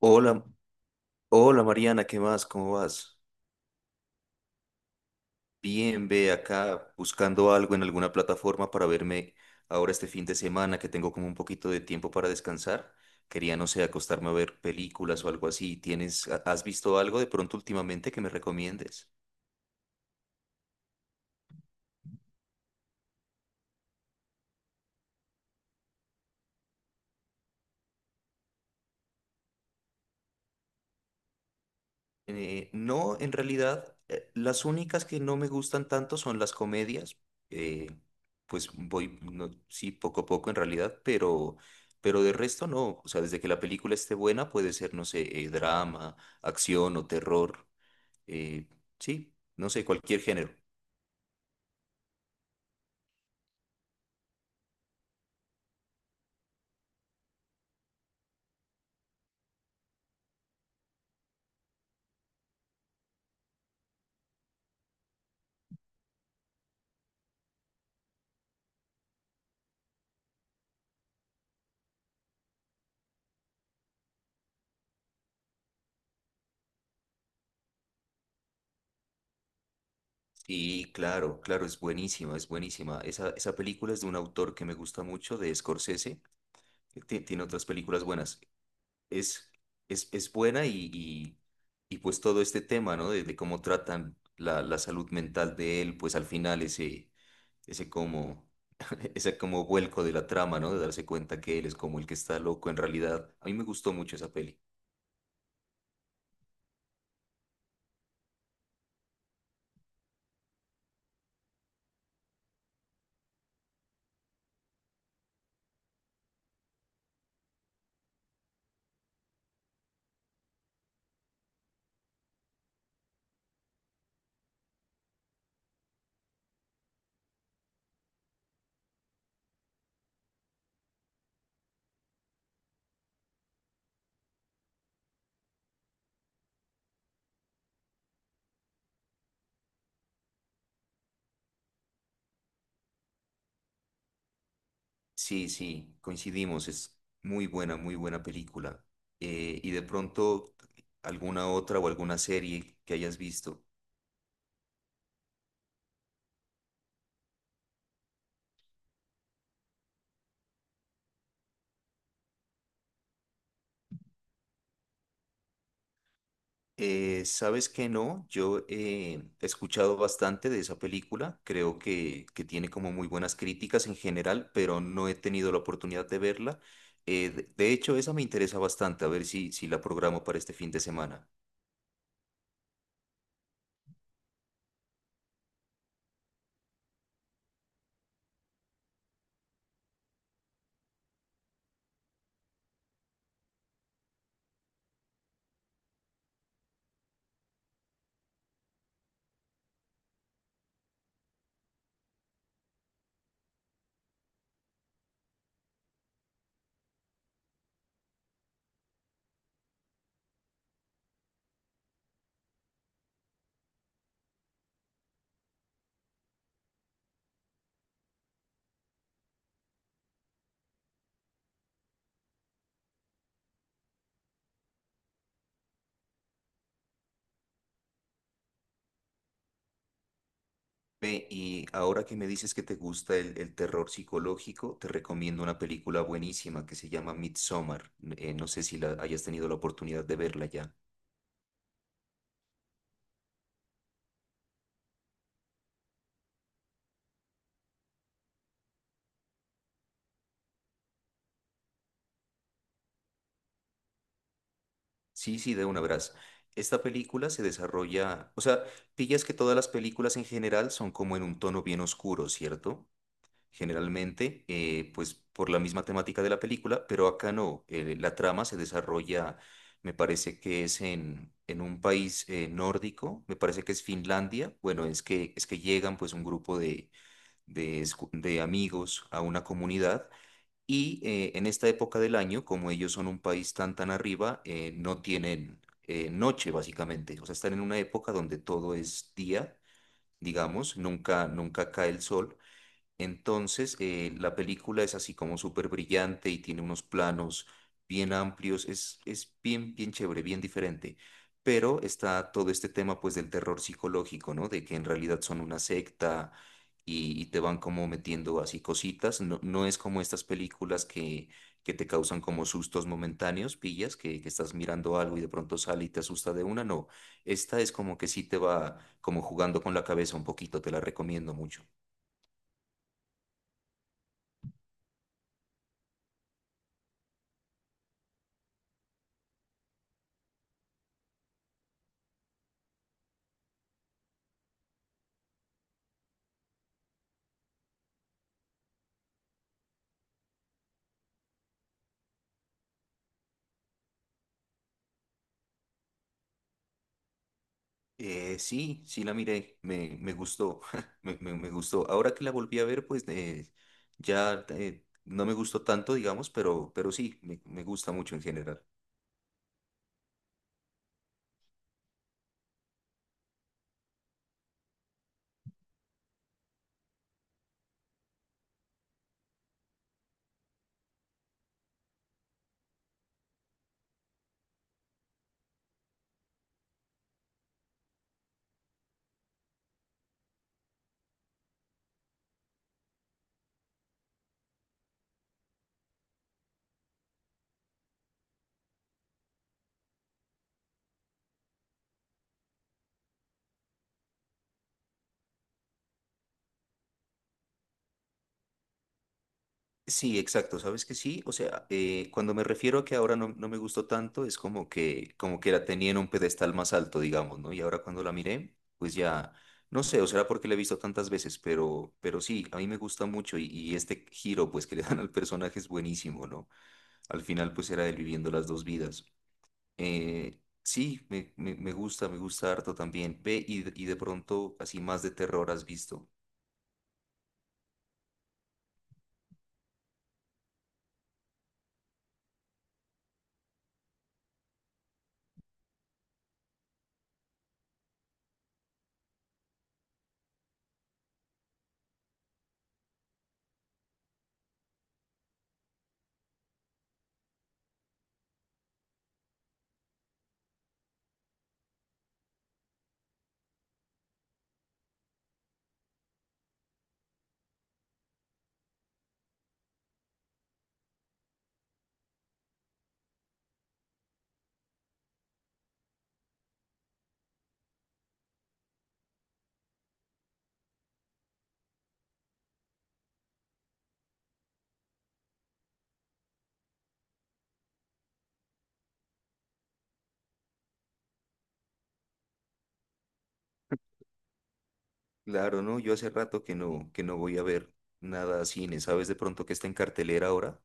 Hola, hola Mariana, ¿qué más? ¿Cómo vas? Bien, ve acá buscando algo en alguna plataforma para verme ahora este fin de semana que tengo como un poquito de tiempo para descansar. Quería, no sé, acostarme a ver películas o algo así. ¿ Has visto algo de pronto últimamente que me recomiendes? No, en realidad, las únicas que no me gustan tanto son las comedias. eh, pues voy, sí, poco a poco en realidad, pero de resto no. O sea, desde que la película esté buena, puede ser, no sé, drama, acción o terror. eh, sí, no sé, cualquier género. Sí, claro, claro, es buenísima, es buenísima. Esa película es de un autor que me gusta mucho, de Scorsese. Tiene otras películas buenas. es, es buena y pues todo este tema, ¿no? De cómo tratan la salud mental de él, pues al final ese como, ese como vuelco de la trama, ¿no? De darse cuenta que él es como el que está loco en realidad. A mí me gustó mucho esa peli. Sí, sí, coincidimos, es muy buena película. Y de pronto, alguna otra o alguna serie que hayas visto. ¿Sabes que no? Yo he escuchado bastante de esa película, creo que tiene como muy buenas críticas en general, pero no he tenido la oportunidad de verla. De hecho, esa me interesa bastante, a ver si la programo para este fin de semana. Ve, y ahora que me dices que te gusta el terror psicológico, te recomiendo una película buenísima que se llama Midsommar. No sé si la hayas tenido la oportunidad de verla ya. Sí, sí, de una verás. Esta película se desarrolla, o sea, pillas que todas las películas en general son como en un tono bien oscuro, ¿cierto? Generalmente, pues por la misma temática de la película, pero acá no. La trama se desarrolla, me parece que es en un país nórdico, me parece que es Finlandia. Bueno, es que llegan pues un grupo de amigos a una comunidad y en esta época del año, como ellos son un país tan tan arriba, no tienen noche básicamente. O sea, están en una época donde todo es día, digamos, nunca cae el sol. Entonces, la película es así como súper brillante y tiene unos planos bien amplios, bien chévere, bien diferente. Pero está todo este tema pues del terror psicológico, ¿no? De que en realidad son una secta y te van como metiendo así cositas. No es como estas películas que te causan como sustos momentáneos, pillas, que estás mirando algo y de pronto sale y te asusta de una. No, esta es como que sí te va como jugando con la cabeza un poquito, te la recomiendo mucho. Sí, sí la miré, me gustó, me gustó. Ahora que la volví a ver, pues ya no me gustó tanto, digamos, pero sí, me gusta mucho en general. Sí, exacto, sabes que sí, o sea, cuando me refiero a que ahora no me gustó tanto, es como como que la tenía en un pedestal más alto, digamos, ¿no? Y ahora cuando la miré, pues ya, no sé, o será porque la he visto tantas veces, pero sí, a mí me gusta mucho y este giro, pues que le dan al personaje es buenísimo, ¿no? Al final, pues era él viviendo las dos vidas. Sí, me gusta harto también. Ve, de pronto así más de terror has visto. Claro, ¿no? Yo hace rato que no voy a ver nada a cine. ¿Sabes de pronto que está en cartelera ahora?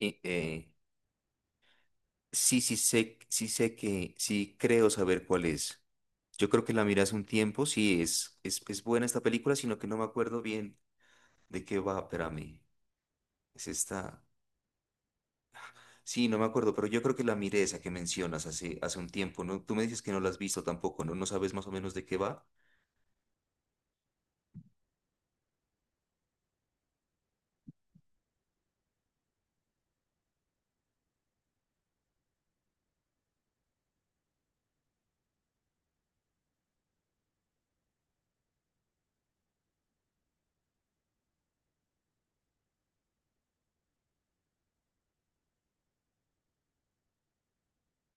Eh, eh, sí, sí sé sí creo saber cuál es. Yo creo que la miré hace un tiempo, sí es buena esta película, sino que no me acuerdo bien de qué va, espérame. Es esta. Sí, no me acuerdo, pero yo creo que la miré esa que mencionas hace un tiempo, ¿no? Tú me dices que no la has visto tampoco, ¿no? ¿No sabes más o menos de qué va?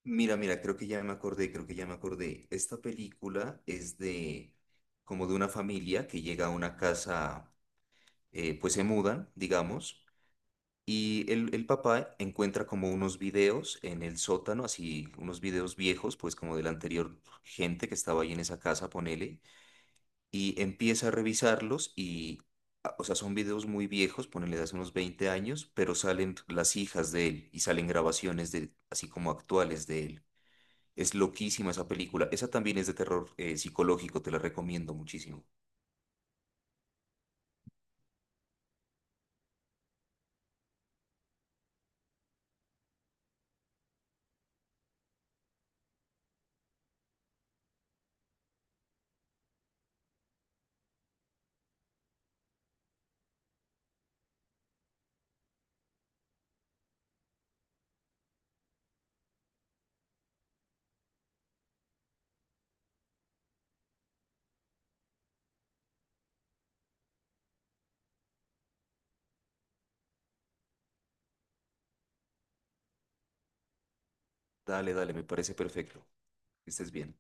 Mira, mira, creo que ya me acordé, creo que ya me acordé. Esta película es de como de una familia que llega a una casa, pues se mudan, digamos, y el papá encuentra como unos videos en el sótano, así unos videos viejos, pues como de la anterior gente que estaba ahí en esa casa, ponele y empieza a revisarlos y o sea, son videos muy viejos, ponele de hace unos 20 años, pero salen las hijas de él y salen grabaciones de, así como actuales de él. Es loquísima esa película. Esa también es de terror psicológico, te la recomiendo muchísimo. Dale, dale, me parece perfecto. Que estés bien.